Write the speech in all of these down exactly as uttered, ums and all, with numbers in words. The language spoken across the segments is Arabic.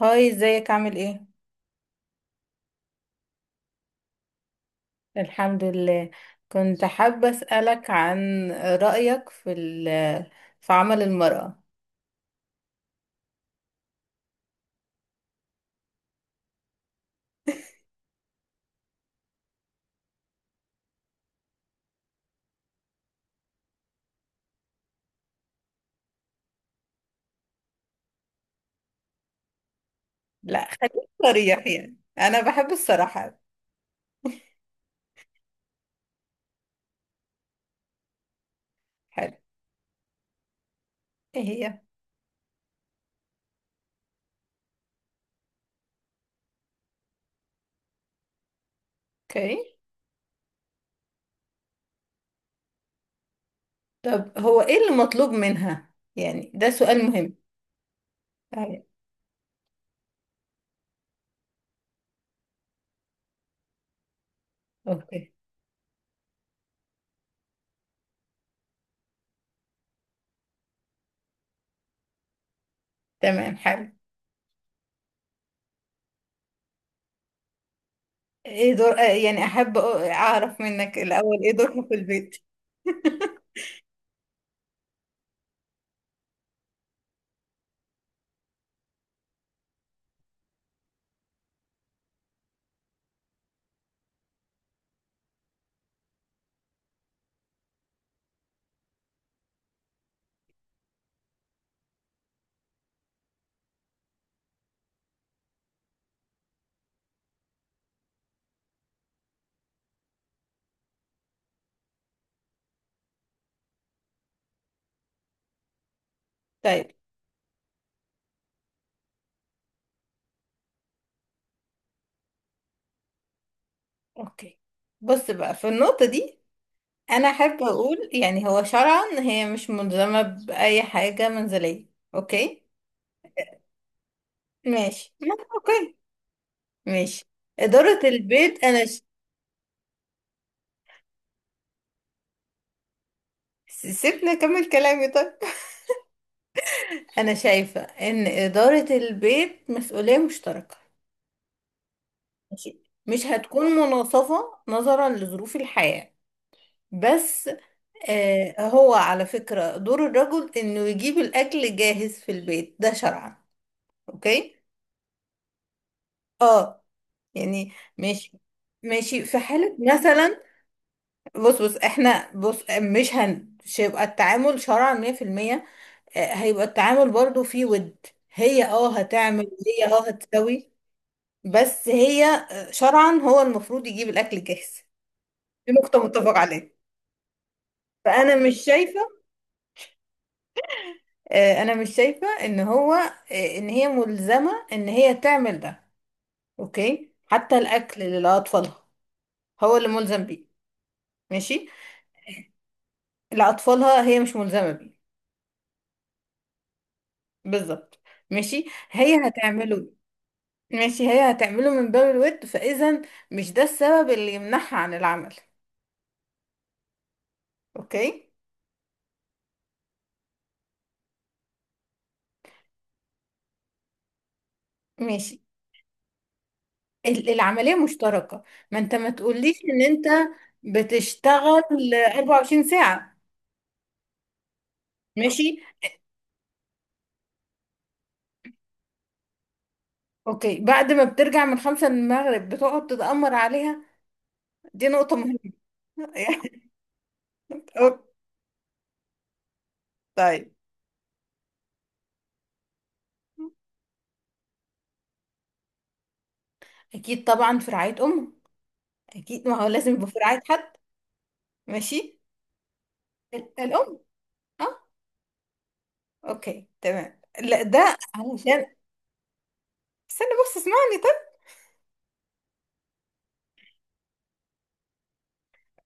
هاي، ازيك؟ عامل ايه؟ الحمد لله. كنت حابة أسألك عن رأيك في ال- في عمل المرأة. لا، خليك صريح، يعني أنا بحب الصراحة. حلو. ايه هي؟ اوكي. طب هو ايه اللي مطلوب منها؟ يعني ده سؤال مهم. أيوة. اوكي تمام. حلو. ايه دور آه، يعني أحب أعرف منك الأول، ايه دورها في البيت؟ طيب. اوكي. بص بقى، في النقطة دي انا احب اقول يعني هو شرعا هي مش ملزمه باي حاجه منزليه. اوكي. ماشي ما- اوكي. ماشي. اداره البيت انا ش... س- سيبني اكمل كلامي، طيب. انا شايفه ان اداره البيت مسؤوليه مشتركه. ماشي. مش هتكون مناصفه نظرا لظروف الحياه، بس. آه، هو على فكره دور الرجل انه يجيب الاكل جاهز في البيت ده شرعا. اوكي. اه، يعني، ماشي. ماشي، في حالة مثلا. بص، بص احنا، بص مش هن- مش هيبقى التعامل شرعا مية في المية. آه، هيبقى التعامل برضو فيه ود. هي اه هتعمل، هي اه هتسوي، بس هي آه، شرعا هو المفروض يجيب الأكل جاهز. دي نقطة متفق عليها. فأنا مش شايفة، آه، أنا مش شايفة إن هو آه، إن هي ملزمة إن هي تعمل ده. أوكي، حتى الأكل لأطفالها هو اللي ملزم بيه. ماشي. لأطفالها هي مش ملزمة بيه. بالظبط. ماشي. هي هتعمله. ماشي، هي هتعمله من باب الود، فإذا مش ده السبب اللي يمنعها عن العمل. اوكي. ماشي. ال- العملية مشتركة. ما انت ما تقوليش ان انت بتشتغل 24 ساعة. ماشي. اوكي، بعد ما بترجع من خمسة المغرب بتقعد تتأمر عليها. دي نقطة مهمة. يعني أوك- طيب. اكيد طبعا، في رعاية امه. اكيد، ما هو لازم يبقى في رعاية حد. ماشي، ال- الام. آه. اوكي تمام. لا، ده علشان استنى بس، اسمعني طب.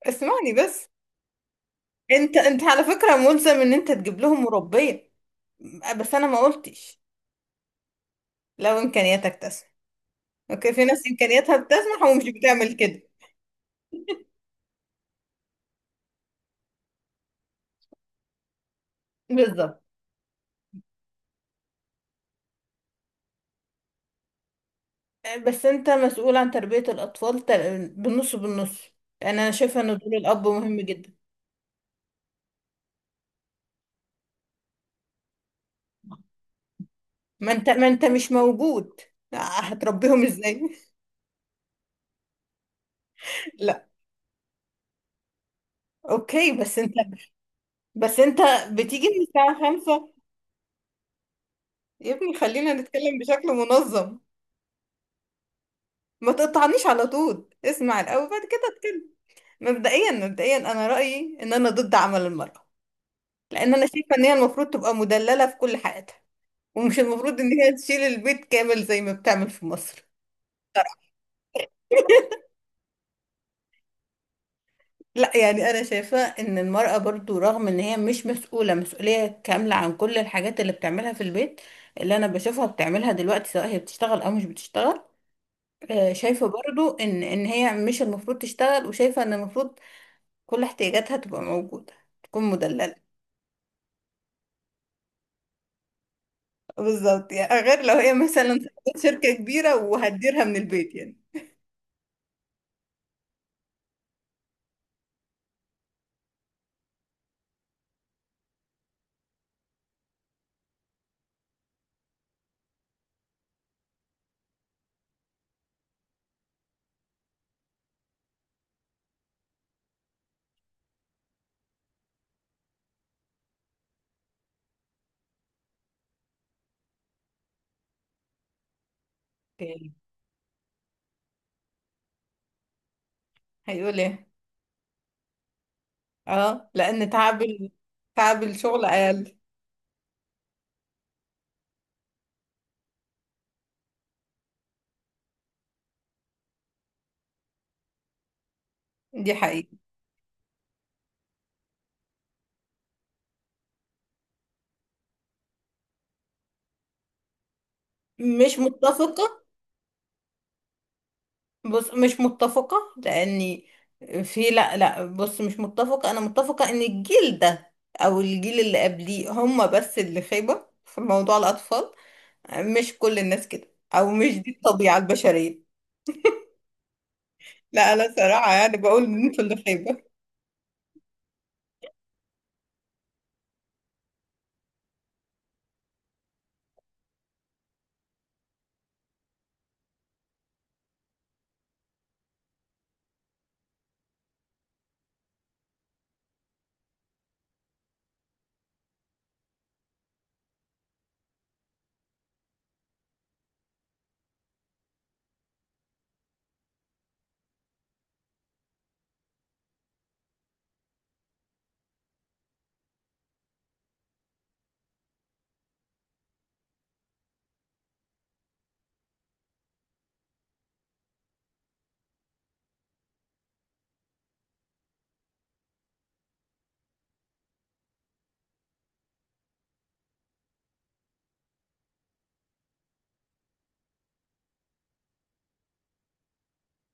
اسمعني بس. انت انت على فكرة ملزم ان انت تجيب لهم مربية. بس انا ما قلتش. لو امكانياتك تسمح اوكي، في ناس امكانياتها بتسمح ومش بتعمل كده. بالظبط. بس انت مسؤول عن تربية الاطفال، تل- بالنص بالنص. لان انا شايفة ان دور الاب مهم جدا. ما انت ما انت مش موجود، هتربيهم ازاي؟ لا. اوكي بس انت بس انت بتيجي من الساعة خمسة. يا ابني خلينا نتكلم بشكل منظم. ما تقطعنيش على طول، اسمع الاول بعد كده اتكلم. مبدئيا مبدئيا انا رايي ان انا ضد عمل المراه، لان انا شايفه ان هي المفروض تبقى مدلله في كل حياتها، ومش المفروض ان هي تشيل البيت كامل زي ما بتعمل في مصر. لا، يعني انا شايفه ان المراه برضو رغم ان هي مش مسؤوله مسؤوليه كامله عن كل الحاجات اللي بتعملها في البيت، اللي انا بشوفها بتعملها دلوقتي سواء هي بتشتغل او مش بتشتغل، آه، شايفه برضو ان ان هي مش المفروض تشتغل، وشايفه ان المفروض كل احتياجاتها تبقى موجودة، تكون مدللة. بالظبط، يعني غير لو هي مثلا شركة كبيرة وهتديرها من البيت، يعني. اوكي. هيقول ايه؟ اه، لان تعب ال- تعب الشغل اقل. دي حقيقة. مش متفقة. بص مش متفقة، لاني في لا لا، بص مش متفقة. انا متفقة ان الجيل ده او الجيل اللي قبليه هم بس اللي خيبة في موضوع الاطفال. مش كل الناس كده، او مش دي الطبيعة البشرية. لا لا، صراحة يعني بقول ان انتوا اللي خايبة.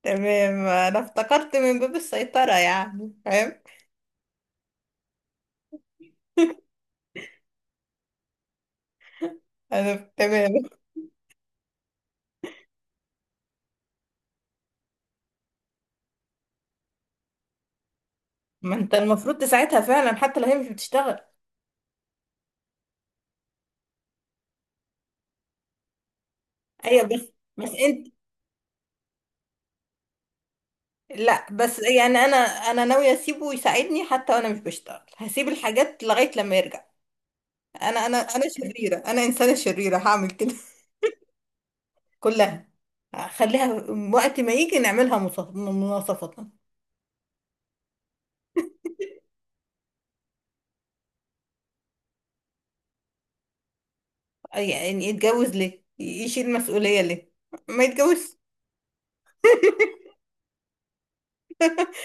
تمام، انا افتكرت من باب السيطرة، يعني فاهم. انا تمام. ما انت المفروض تساعدها فعلا حتى لو هي مش بتشتغل. ايوه، بس بس انت، لا بس يعني انا انا ناوية اسيبه يساعدني حتى وانا مش بشتغل، هسيب الحاجات لغاية لما يرجع. انا انا انا شريرة، انا انسانة شريرة هعمل كده. كلها. خليها وقت ما يجي نعملها مصاف- مناصفة. يعني يتجوز ليه؟ يشيل مسؤولية ليه؟ ما يتجوز.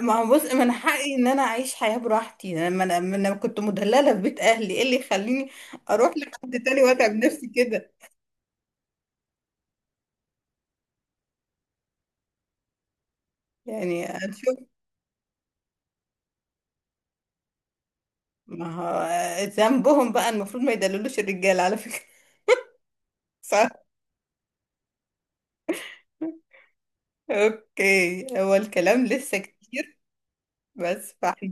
ما هو بص، من حقي ان انا اعيش حياة براحتي. انا ما انا ما أنا كنت مدللة في بيت اهلي، ايه اللي يخليني اروح لحد تاني واتعب نفسي كده؟ يعني هنشوف. ما هو ذنبهم بقى، المفروض ما يدللوش الرجال على فكرة. صح. اوكي، هو الكلام لسه كتير بس، فاحنا،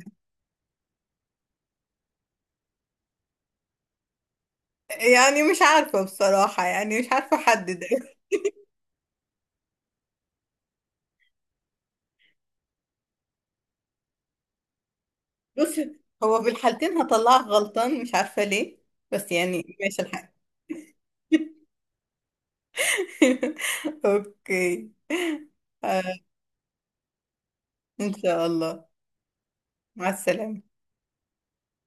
يعني مش عارفة بصراحة، يعني مش عارفة احدد. بص، هو في الحالتين هطلعك غلطان مش عارفة ليه، بس يعني ماشي الحال. اوكي. آه، ان شاء الله. مع السلامة.